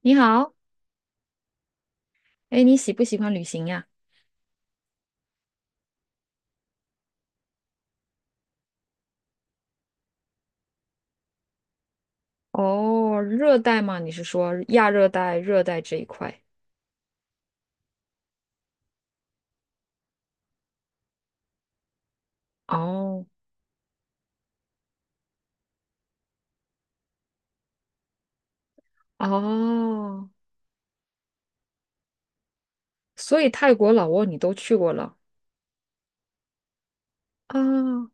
你好，哎，你喜不喜欢旅行呀？哦，热带吗？你是说亚热带、热带这一块？哦哦，所以泰国、老挝你都去过了啊？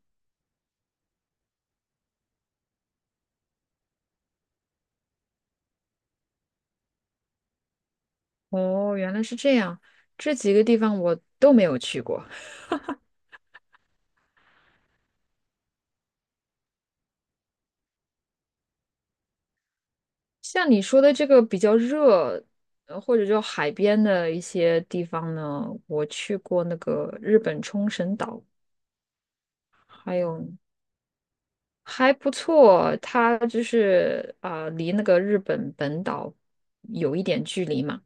哦，原来是这样，这几个地方我都没有去过。像你说的这个比较热，或者就海边的一些地方呢，我去过那个日本冲绳岛，还有还不错，它就是啊离那个日本本岛有一点距离嘛。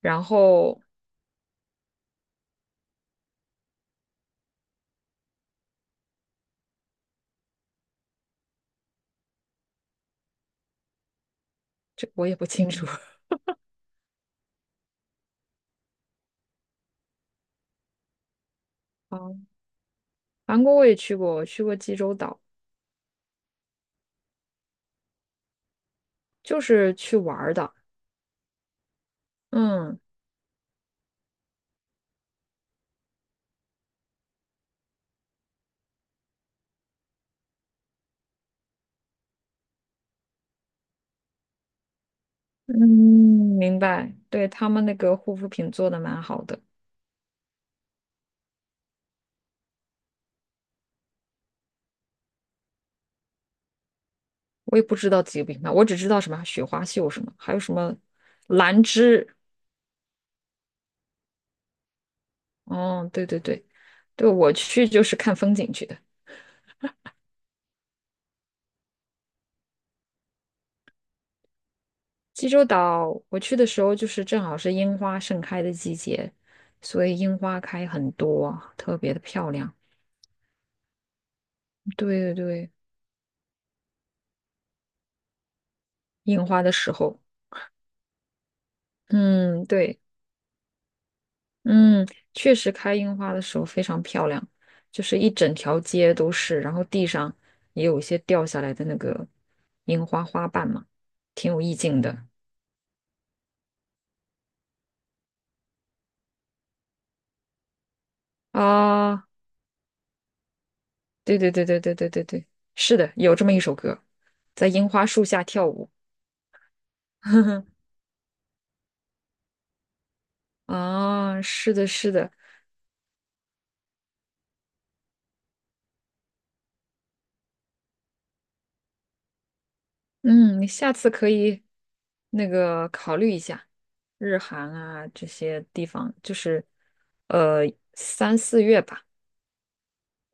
然后这个我也不清楚。哦，韩国我也去过，我去过济州岛，就是去玩儿的。嗯嗯，明白。对，他们那个护肤品做的蛮好的，我也不知道几个品牌，我只知道什么雪花秀什么，还有什么兰芝。哦，对对对，对，我去就是看风景去的。济州岛我去的时候，就是正好是樱花盛开的季节，所以樱花开很多，特别的漂亮。对对对，樱花的时候，嗯，对，嗯，确实开樱花的时候非常漂亮，就是一整条街都是，然后地上也有一些掉下来的那个樱花花瓣嘛，挺有意境的啊。对对对对对对对对，是的，有这么一首歌，在樱花树下跳舞。啊，是的，是的，嗯，你下次可以那个考虑一下日韩啊这些地方，就是呃3、4月吧，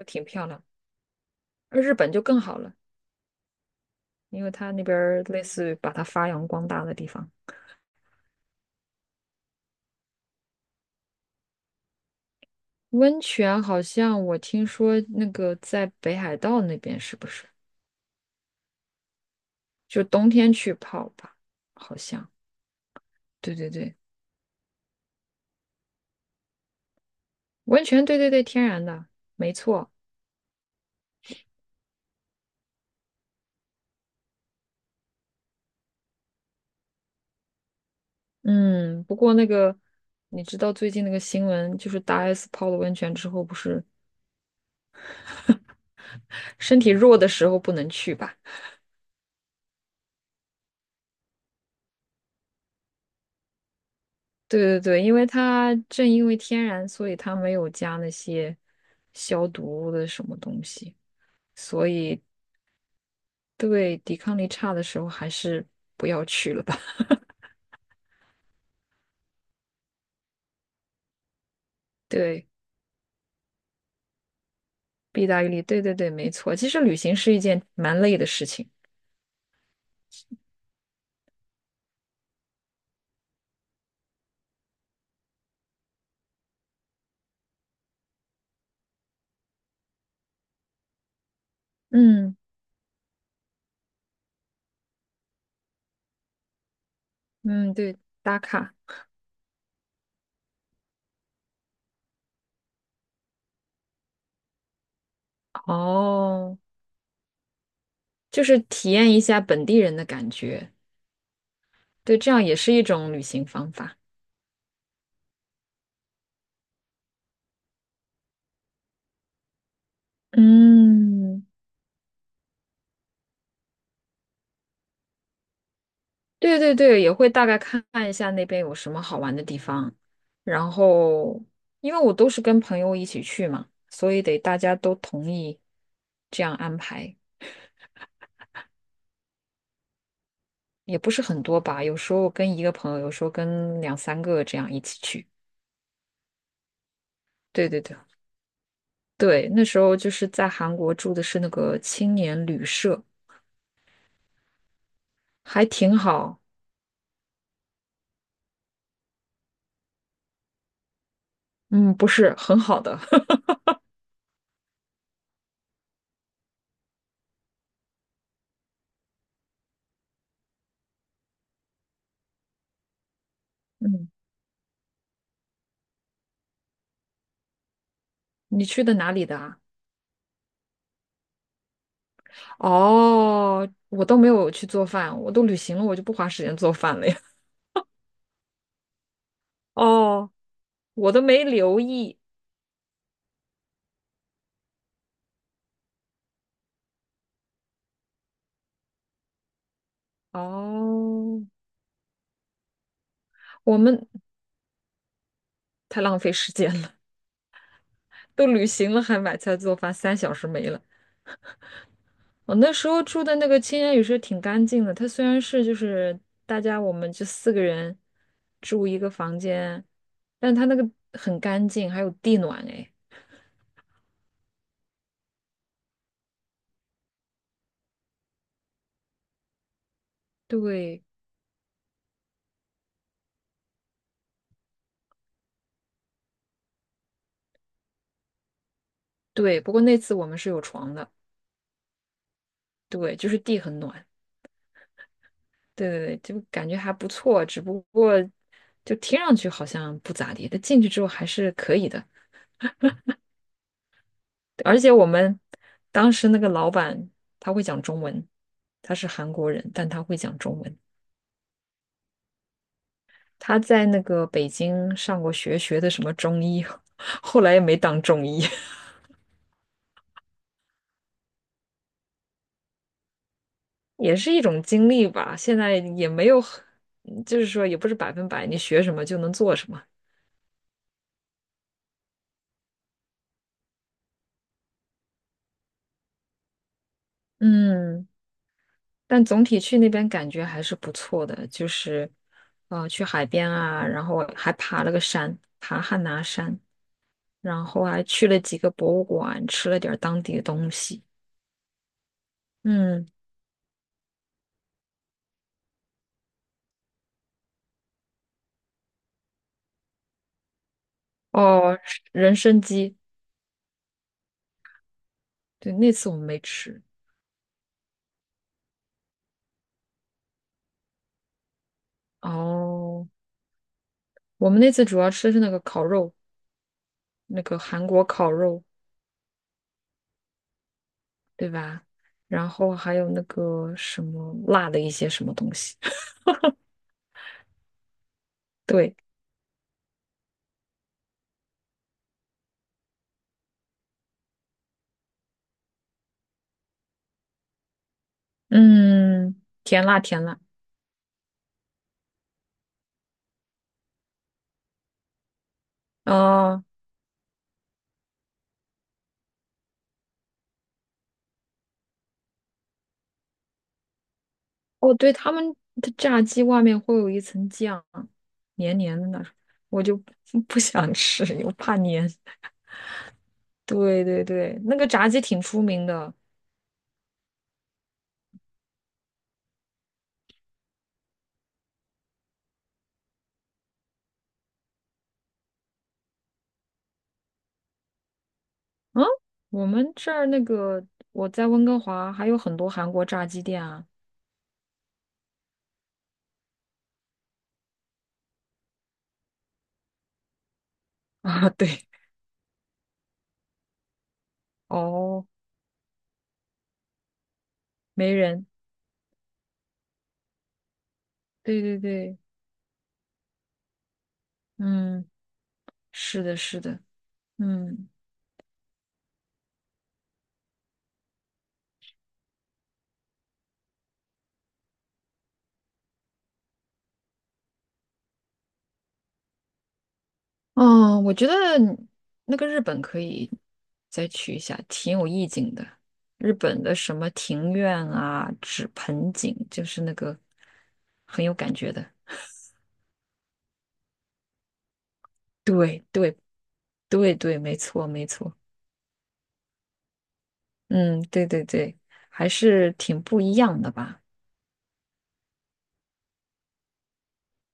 挺漂亮。而日本就更好了，因为它那边儿类似于把它发扬光大的地方。温泉好像我听说那个在北海道那边是不是？就冬天去泡吧，好像。对对对，温泉，对对对，天然的，没错。嗯，不过那个，你知道最近那个新闻，就是大 S 泡了温泉之后，不是身体弱的时候不能去吧？对对对，因为它正因为天然，所以它没有加那些消毒的什么东西，所以对抵抗力差的时候还是不要去了吧。对，弊大于利，对对对，没错。其实旅行是一件蛮累的事情。嗯嗯，对，打卡哦，就是体验一下本地人的感觉。对，这样也是一种旅行方法。嗯，对对对，也会大概看一下那边有什么好玩的地方，然后因为我都是跟朋友一起去嘛，所以得大家都同意这样安排，也不是很多吧，有时候跟一个朋友，有时候跟两三个这样一起去。对对对对，那时候就是在韩国住的是那个青年旅社，还挺好，嗯，不是很好的。嗯，你去的哪里的啊？哦，我都没有去做饭，我都旅行了，我就不花时间做饭了呀。哦，我都没留意。哦，我们太浪费时间了，都旅行了还买菜做饭，3小时没了。我那时候住的那个青年旅社挺干净的，它虽然是就是大家我们就4个人住一个房间，但它那个很干净，还有地暖哎。对对，不过那次我们是有床的，对，就是地很暖。对对对，就感觉还不错，只不过就听上去好像不咋地，但进去之后还是可以的。而且我们当时那个老板他会讲中文，他是韩国人，但他会讲中文。他在那个北京上过学，学的什么中医，后来也没当中医，也是一种经历吧。现在也没有很就是说也不是百分百你学什么就能做什么。嗯，但总体去那边感觉还是不错的，就是，去海边啊，然后还爬了个山，爬汉拿山，然后还去了几个博物馆，吃了点儿当地的东西。嗯，哦，人参鸡，对，那次我们没吃。哦，我们那次主要吃的是那个烤肉，那个韩国烤肉，对吧？然后还有那个什么辣的一些什么东西，对，嗯，甜辣甜辣。哦，哦，对，他们的炸鸡外面会有一层酱，黏黏的那种，我就不想吃，我怕黏。对对对，那个炸鸡挺出名的。嗯，我们这儿那个我在温哥华还有很多韩国炸鸡店啊。啊，对，哦，没人。对对对，嗯，是的，是的，嗯。嗯，我觉得那个日本可以再去一下，挺有意境的。日本的什么庭院啊、纸盆景，就是那个很有感觉的。对对对对，没错没错。嗯，对对对，还是挺不一样的吧。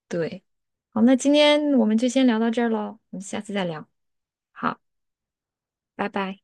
对，好，那今天我们就先聊到这儿喽，我们下次再聊。好，拜拜。